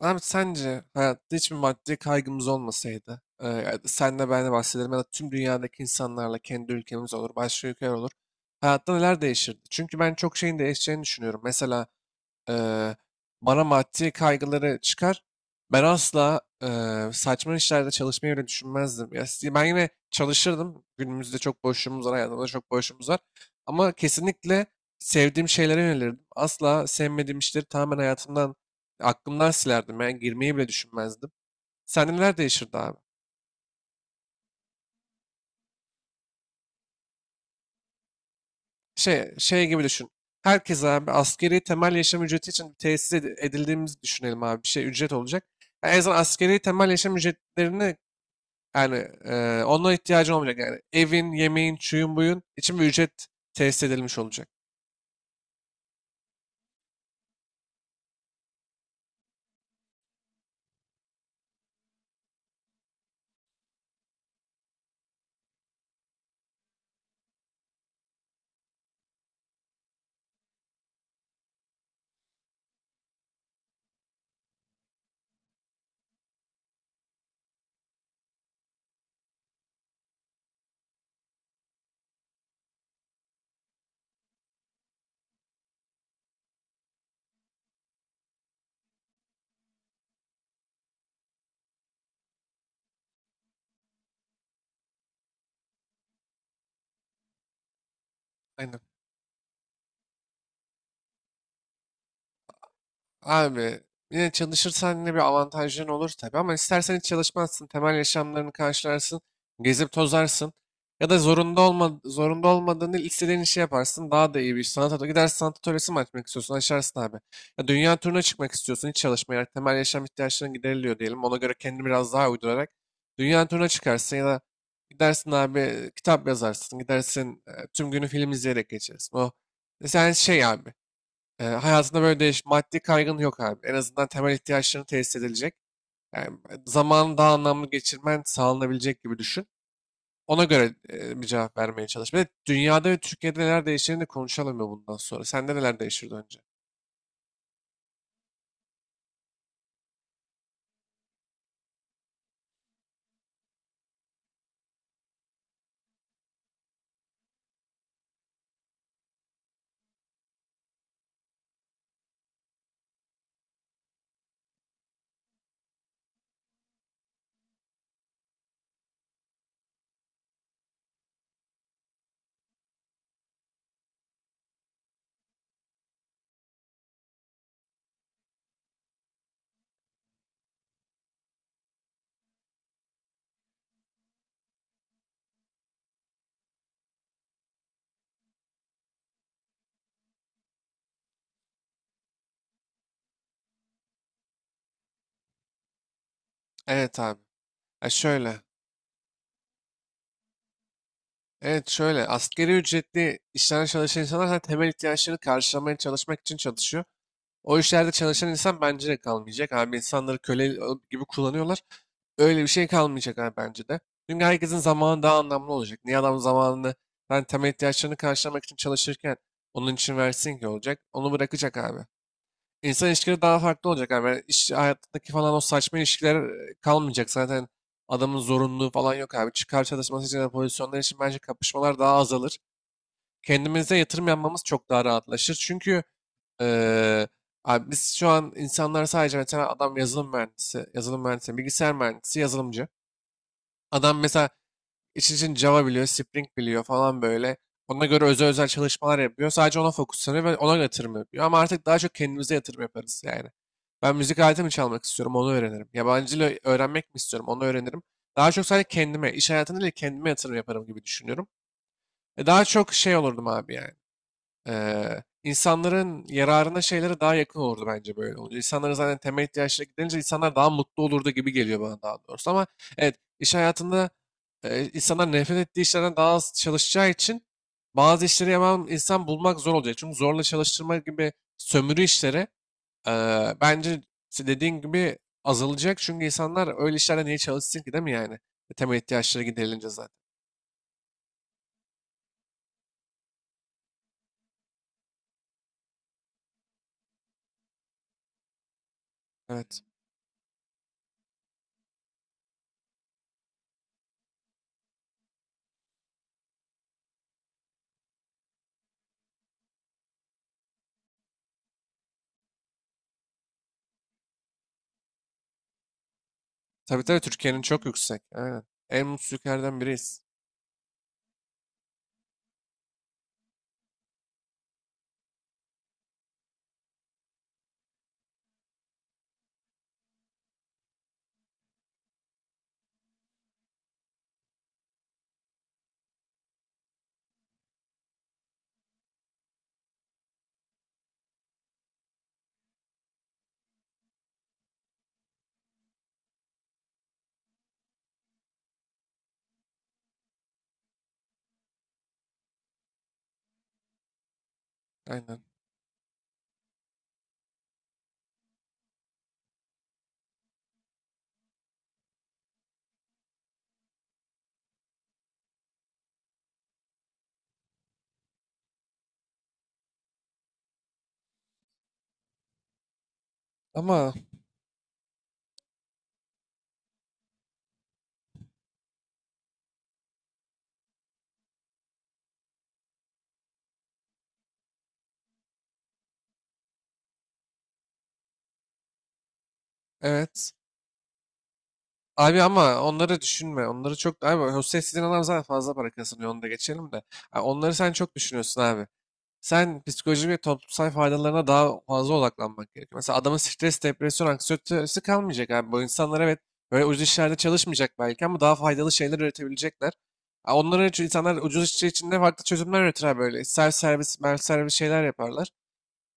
Abi sence hayatta hiçbir maddi kaygımız olmasaydı, yani senle ben de bahsederim ya da tüm dünyadaki insanlarla kendi ülkemiz olur, başka ülkeler olur. Hayatta neler değişirdi? Çünkü ben çok şeyin değişeceğini düşünüyorum. Mesela eee, bana maddi kaygıları çıkar. Ben asla saçma işlerde çalışmayı bile düşünmezdim. Ya, ben yine çalışırdım. Günümüzde çok boşluğumuz var, hayatımızda çok boşluğumuz var. Ama kesinlikle sevdiğim şeylere yönelirdim. Asla sevmediğim işleri tamamen hayatımdan, aklımdan silerdim. Yani girmeyi bile düşünmezdim. Sende neler değişirdi abi? Şey gibi düşün. Herkes abi askeri temel yaşam ücreti için edildiğimizi düşünelim abi. Bir şey ücret olacak. Yani en azından askeri temel yaşam ücretlerini. Yani onlara ihtiyacın olmayacak. Yani evin, yemeğin, çuyun, buyun için bir ücret tesis edilmiş olacak. Aynen. Abi yine çalışırsan yine bir avantajın olur tabii ama istersen hiç çalışmazsın. Temel yaşamlarını karşılarsın. Gezip tozarsın. Ya da zorunda olmadığını istediğin işi yaparsın. Daha da iyi bir iş. Sanat atölye. Gidersin, sanat atölyesi mi açmak istiyorsun? Açarsın abi. Ya dünya turuna çıkmak istiyorsun. Hiç çalışmayarak temel yaşam ihtiyaçların gideriliyor diyelim. Ona göre kendini biraz daha uydurarak dünya turuna çıkarsın ya da gidersin abi, kitap yazarsın. Gidersin, tüm günü film izleyerek geçersin. O e, sen şey abi. Hayatında maddi kaygın yok abi. En azından temel ihtiyaçlarını tesis edilecek. Yani zamanı daha anlamlı geçirmen sağlanabilecek gibi düşün. Ona göre bir cevap vermeye çalış. Bir de dünyada ve Türkiye'de neler değiştiğini de konuşalım ya bundan sonra. Sende neler değişirdi önce? Evet abi. Ya şöyle. Evet şöyle. Asgari ücretli işlerde çalışan insanlar zaten temel ihtiyaçlarını karşılamaya çalışmak için çalışıyor. O işlerde çalışan insan bence de kalmayacak abi. İnsanları köle gibi kullanıyorlar. Öyle bir şey kalmayacak abi bence de. Çünkü herkesin zamanı daha anlamlı olacak. Niye adam zamanını ben temel ihtiyaçlarını karşılamak için çalışırken onun için versin ki olacak. Onu bırakacak abi. İnsan ilişkileri daha farklı olacak abi. Yani İş hayatındaki falan o saçma ilişkiler kalmayacak. Zaten adamın zorunluluğu falan yok abi. Çıkar çalışması için de pozisyonlar için bence kapışmalar daha azalır. Kendimize yatırım yapmamız çok daha rahatlaşır. Çünkü Eee, abi biz şu an insanlar sadece mesela adam yazılım mühendisi, bilgisayar mühendisi, yazılımcı. Adam mesela için için Java biliyor, Spring biliyor falan böyle. Ona göre özel özel çalışmalar yapıyor. Sadece ona fokuslanıyor ve ona yatırım yapıyor. Ama artık daha çok kendimize yatırım yaparız yani. Ben müzik aleti mi çalmak istiyorum, onu öğrenirim. Yabancı dil öğrenmek mi istiyorum, onu öğrenirim. Daha çok sadece kendime, iş hayatında değil kendime yatırım yaparım gibi düşünüyorum. E daha çok şey olurdum abi yani, insanların yararına şeylere daha yakın olurdu bence böyle olunca. İnsanların zaten temel ihtiyaçları gidince insanlar daha mutlu olurdu gibi geliyor bana daha doğrusu. Ama evet iş hayatında insanlar nefret ettiği işlerden daha az çalışacağı için bazı işleri yapan insan bulmak zor olacak. Çünkü zorla çalıştırma gibi sömürü işleri bence dediğin gibi azalacak. Çünkü insanlar öyle işlerden niye çalışsın ki değil mi yani? Temel ihtiyaçları giderilince zaten. Evet. Tabii tabii, Türkiye'nin çok yüksek. Aynen. En mutsuz ülkelerden biriyiz. Aynen. Ama evet. Abi ama onları düşünme. Onları çok... Abi Hüseyin sizin adam zaten fazla para kazanıyor. Onu da geçelim de. Ha, onları sen çok düşünüyorsun abi. Sen psikolojik ve toplumsal faydalarına daha fazla odaklanmak gerekiyor. Mesela adamın stres, depresyon, anksiyetesi kalmayacak abi. Bu insanlar evet böyle ucuz işlerde çalışmayacak belki ama daha faydalı şeyler üretebilecekler. Ha, onlara çünkü insanlar ucuz işçi içinde farklı çözümler üretir abi böyle. Self servis şeyler yaparlar.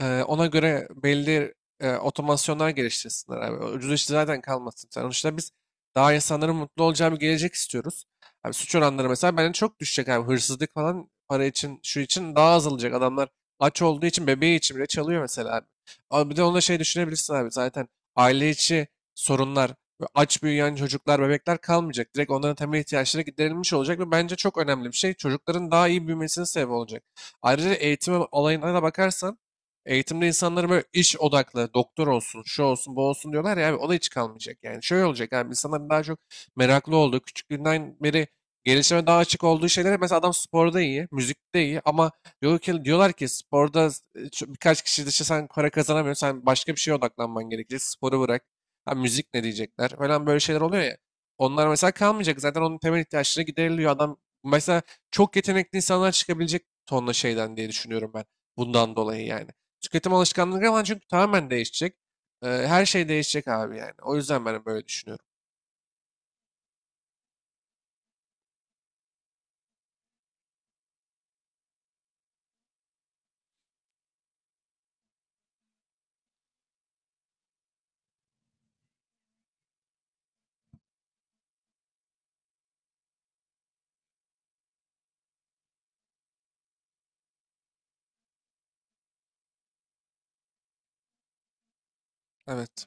Ona göre belli otomasyonlar geliştirsinler abi. O ucuz iş zaten kalmasın. Sonuçta biz daha insanların mutlu olacağı bir gelecek istiyoruz. Abi suç oranları mesela bence çok düşecek abi. Hırsızlık falan para için, şu için daha azalacak. Adamlar aç olduğu için bebeği için bile çalıyor mesela abi. Ama bir de onda şey düşünebilirsin abi zaten aile içi sorunlar, ve aç büyüyen çocuklar, bebekler kalmayacak. Direkt onların temel ihtiyaçları giderilmiş olacak ve bence çok önemli bir şey. Çocukların daha iyi büyümesine sebep olacak. Ayrıca eğitim olayına da bakarsan, eğitimde insanlara böyle iş odaklı, doktor olsun, şu olsun, bu olsun diyorlar ya abi o da hiç kalmayacak. Yani şöyle olacak abi, insanların daha çok meraklı olduğu, küçüklüğünden beri gelişime daha açık olduğu şeylere, mesela adam sporda iyi, müzikte iyi ama diyorlar ki sporda birkaç kişi dışı sen para kazanamıyorsun, sen başka bir şeye odaklanman gerekecek, sporu bırak. Ha, müzik ne diyecekler falan böyle şeyler oluyor ya. Onlar mesela kalmayacak zaten onun temel ihtiyaçları gideriliyor adam. Mesela çok yetenekli insanlar çıkabilecek tonla şeyden diye düşünüyorum ben bundan dolayı yani. Tüketim alışkanlıkları falan çünkü tamamen değişecek. Her şey değişecek abi yani. O yüzden ben böyle düşünüyorum. Evet.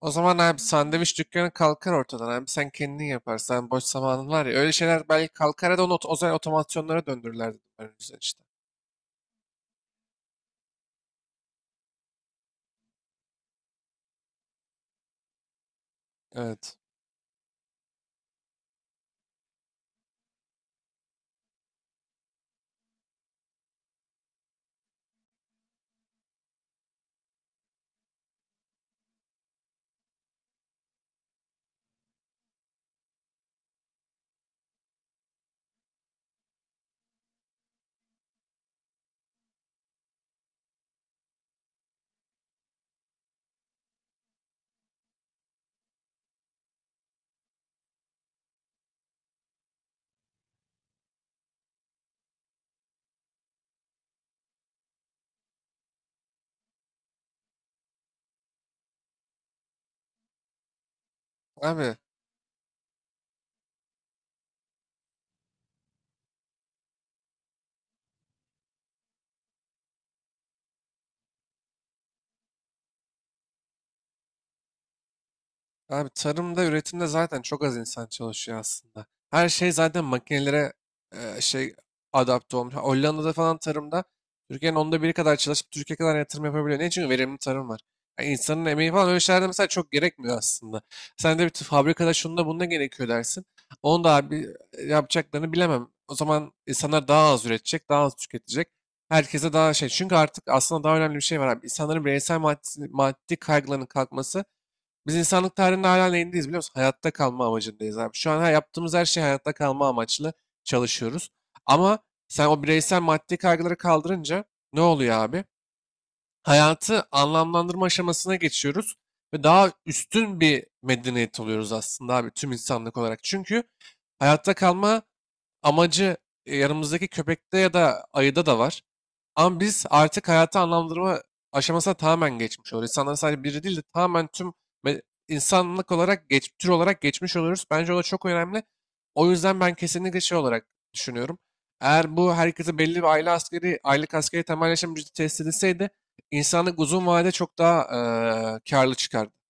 O zaman abi sandviç dükkanı kalkar ortadan abi. Sen kendin yaparsan boş zamanın var ya. Öyle şeyler belki kalkar ya da o zaman otomasyonlara döndürürler dedim ben o yüzden işte. Evet. Abi Abi tarımda, üretimde zaten çok az insan çalışıyor aslında. Her şey zaten makinelere e, şey adapte olmuş. Hollanda'da falan tarımda Türkiye'nin onda biri kadar çalışıp Türkiye kadar yatırım yapabiliyor. Niye? Çünkü verimli tarım var. Yani insanın emeği falan öyle şeylerde mesela çok gerekmiyor aslında. Sen de fabrikada şunda bunda gerekiyor dersin. Onu da abi yapacaklarını bilemem. O zaman insanlar daha az üretecek, daha az tüketecek. Herkese daha şey. Çünkü artık aslında daha önemli bir şey var abi. İnsanların bireysel maddi kaygılarının kalkması, biz insanlık tarihinde hala neyindeyiz biliyor musun? Hayatta kalma amacındayız abi. Şu an yaptığımız her şey hayatta kalma amaçlı çalışıyoruz. Ama sen o bireysel maddi kaygıları kaldırınca ne oluyor abi? Hayatı anlamlandırma aşamasına geçiyoruz ve daha üstün bir medeniyet oluyoruz aslında abi tüm insanlık olarak. Çünkü hayatta kalma amacı yanımızdaki köpekte ya da ayıda da var. Ama biz artık hayatı anlamlandırma aşamasına tamamen geçmiş oluyoruz. İnsanların sadece biri değil de tamamen tüm me- insanlık olarak, tür olarak geçmiş oluyoruz. Bence o da çok önemli. O yüzden ben kesinlikle şey olarak düşünüyorum. Eğer bu herkese belli bir aile askeri, aylık askeri temelleşen ücreti test edilseydi insanlık uzun vadede çok daha karlı çıkardı.